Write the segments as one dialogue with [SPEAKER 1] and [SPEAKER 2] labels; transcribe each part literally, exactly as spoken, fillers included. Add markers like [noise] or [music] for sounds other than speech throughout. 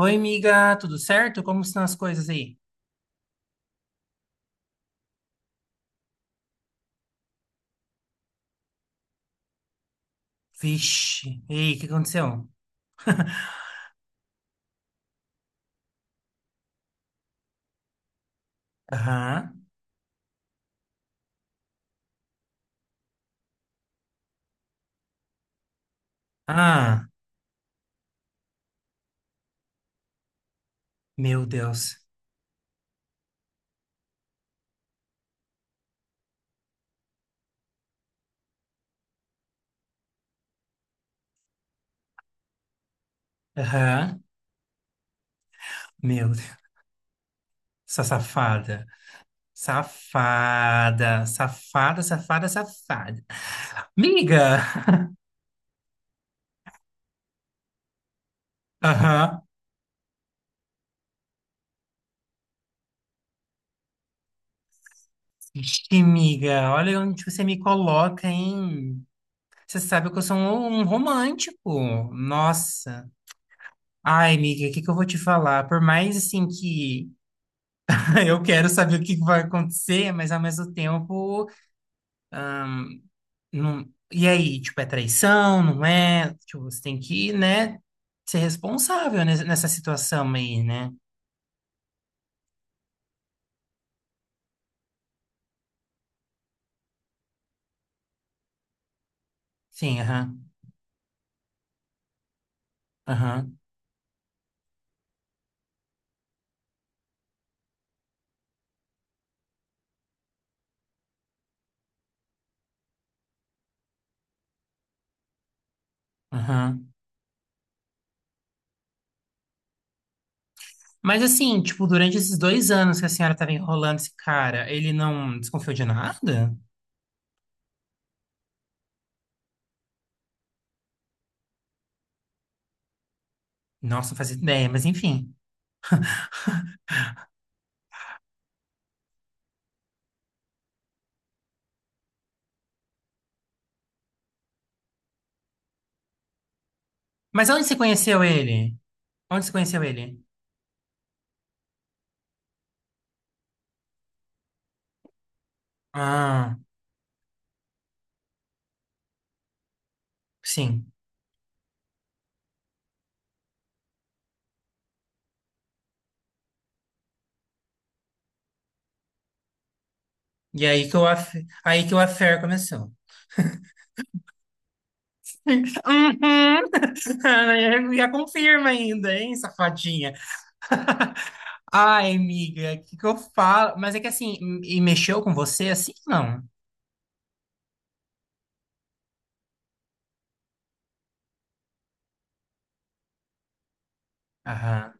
[SPEAKER 1] Oi, amiga, tudo certo? Como estão as coisas aí? Vixe, ei, o que aconteceu? [laughs] Aham, ah, meu Deus. Aham, meu Deus. Essa safada. Safada, safada, safada, safada. Miga! Aham. Vixe, miga, olha onde você me coloca, hein? Você sabe que eu sou um, um romântico. Nossa. Ai, miga, o que que eu vou te falar? Por mais, assim, que [laughs] eu quero saber o que vai acontecer, mas ao mesmo tempo, não... E aí, tipo, é traição, não é? Tipo, você tem que, né, ser responsável nes- nessa situação aí, né? Sim, aham, aham, aham. Mas assim, tipo, durante esses dois anos que a senhora tava enrolando esse cara, ele não desconfiou de nada? Nossa, não fazia ideia, mas enfim. Mas onde você conheceu ele? Onde você conheceu ele? Ah, sim. E aí que o, aff... Aí que o affair começou. Uhum. [laughs] Já confirma ainda, hein, safadinha? [laughs] Ai, amiga, o que que eu falo? Mas é que assim, e e mexeu com você assim? Não. Aham,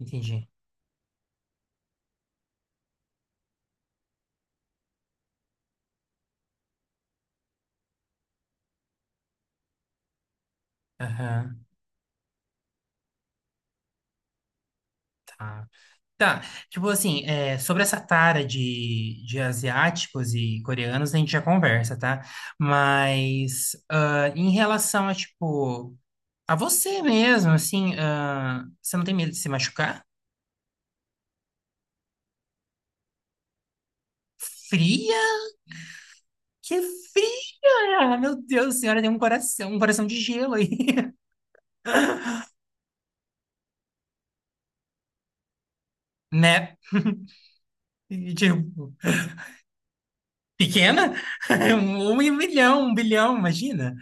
[SPEAKER 1] entendi. Aham, tá. Tá, tipo assim, é, sobre essa tara de, de asiáticos e coreanos, a gente já conversa, tá? Mas ah, em relação a, tipo, a você mesmo, assim, ah, você não tem medo de se machucar? Fria? Que fria! Meu Deus, a senhora tem um coração, um coração de gelo aí, [laughs] né? E, tipo, pequena? [laughs] Um em um milhão, um bilhão, imagina.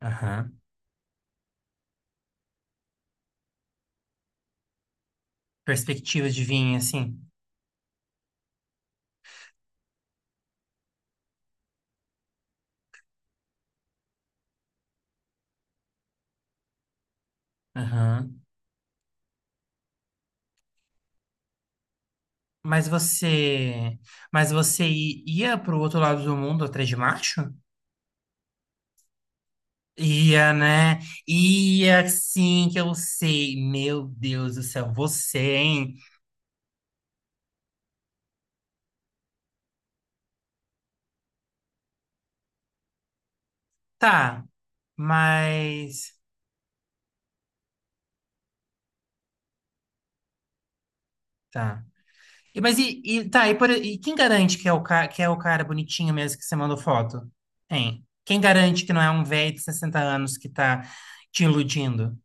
[SPEAKER 1] Aham. Perspectiva de vir, assim. Aham. Mas você... Mas você i- ia pro outro lado do mundo atrás de macho? Ia, né? Ia, sim, que eu sei. Meu Deus do céu, você, hein? Tá, mas... Tá. E- Mas e, e- tá, e, por- e quem garante que é o cara, que é o cara bonitinho mesmo que você mandou foto? Hein? Quem garante que não é um velho de sessenta anos que tá te iludindo?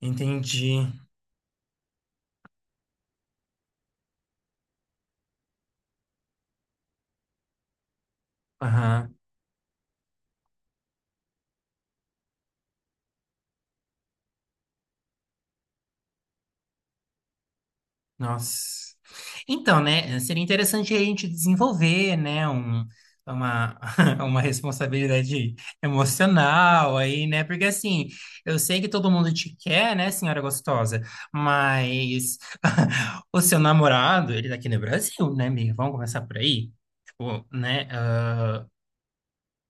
[SPEAKER 1] Entendi. Aham. Nossa. Então, né, seria interessante a gente desenvolver, né, um, uma, [laughs] uma responsabilidade emocional aí, né, porque assim, eu sei que todo mundo te quer, né, senhora gostosa, mas [laughs] o seu namorado, ele tá aqui no Brasil, né, amiga? Vamos começar por aí? Tipo, né, ah,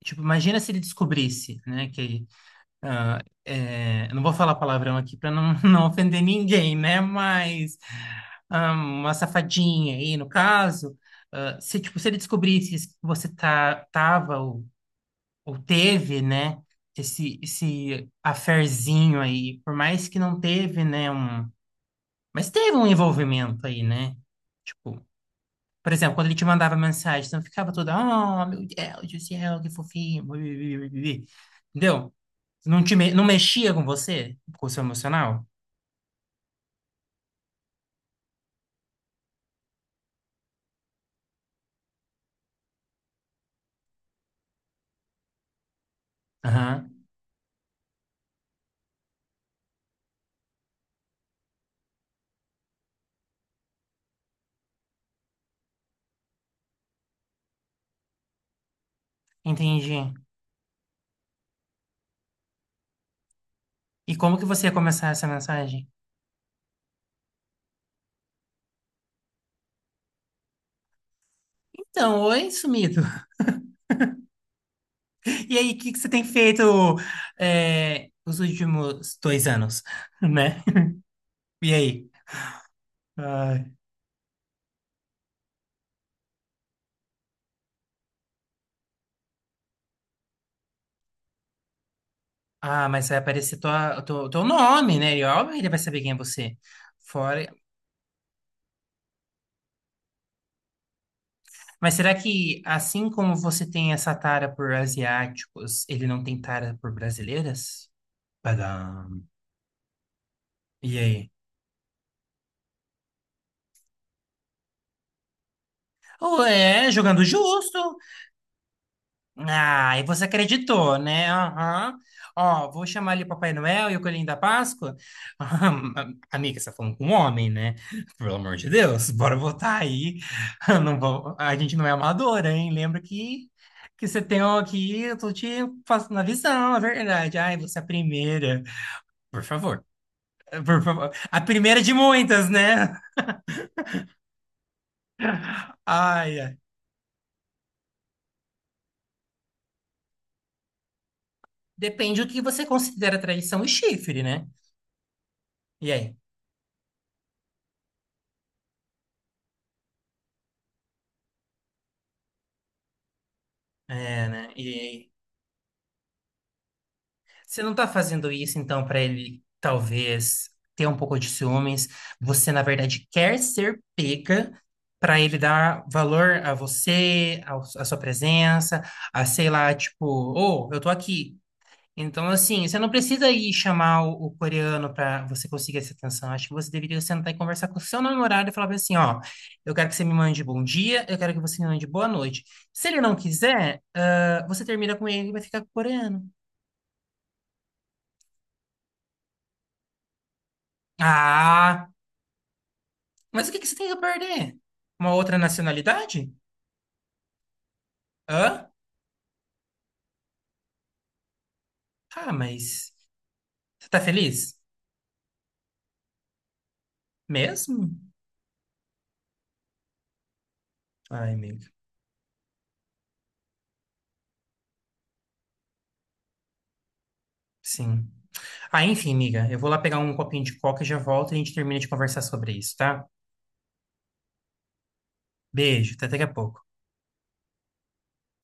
[SPEAKER 1] tipo, imagina se ele descobrisse, né, que ah, é, eu não vou falar palavrão aqui para não, [laughs] não ofender ninguém, né? Mas ah, uma safadinha aí, no caso, ah, se tipo se ele descobrisse que você tá tava ou, ou teve, né? Esse esse affairzinho aí, por mais que não teve, né? Um, mas teve um envolvimento aí, né? Tipo, por exemplo, quando ele te mandava mensagem, você não ficava toda, oh, meu Deus do céu, que fofinho. Entendeu? Não te me- não mexia com você, com o seu emocional? Aham, entendi. E como que você ia começar essa mensagem? Então, oi, sumido. [laughs] E aí, o que que você tem feito é, os últimos dois anos, [laughs] né? E aí? Ai. Ah, mas vai aparecer tua, teu, teu nome, né? E óbvio que ele vai saber quem é você. Fora, mas será que, assim como você tem essa tara por asiáticos, ele não tem tara por brasileiras? Padam. E aí? Ou é, jogando justo. Ah, e você acreditou, né? Aham. Ó, vou chamar ali o Papai Noel e o Coelhinho da Páscoa. [laughs] Ah, amiga, você tá falando com um homem, né? Pelo amor de Deus, bora votar aí. [laughs] Não vou... A gente não é amadora, hein? Lembra que, que você tem aqui, eu tô te passando a visão, a verdade. Ai, você é a primeira. Por favor. Por favor. A primeira de muitas, né? Ai, ai. Depende do que você considera traição e chifre, né? E aí? É, né? E aí? Você não tá fazendo isso, então, pra ele talvez ter um pouco de ciúmes. Você, na verdade, quer ser pega pra ele dar valor a você, ao- à sua presença, a sei lá, tipo, ô, eu tô aqui. Então, assim, você não precisa ir chamar o, o coreano para você conseguir essa atenção. Acho que você deveria sentar e conversar com o seu namorado e falar bem assim, ó, eu quero que você me mande bom dia, eu quero que você me mande boa noite. Se ele não quiser, ah, você termina com ele e vai ficar com o coreano. Ah, mas o que que você tem a perder? Uma outra nacionalidade? Hã? Ah, mas você tá feliz? Mesmo? Ai, amiga, sim. Ah, enfim, amiga, eu vou lá pegar um copinho de coca e já volto e a gente termina de conversar sobre isso, tá? Beijo, até daqui a pouco.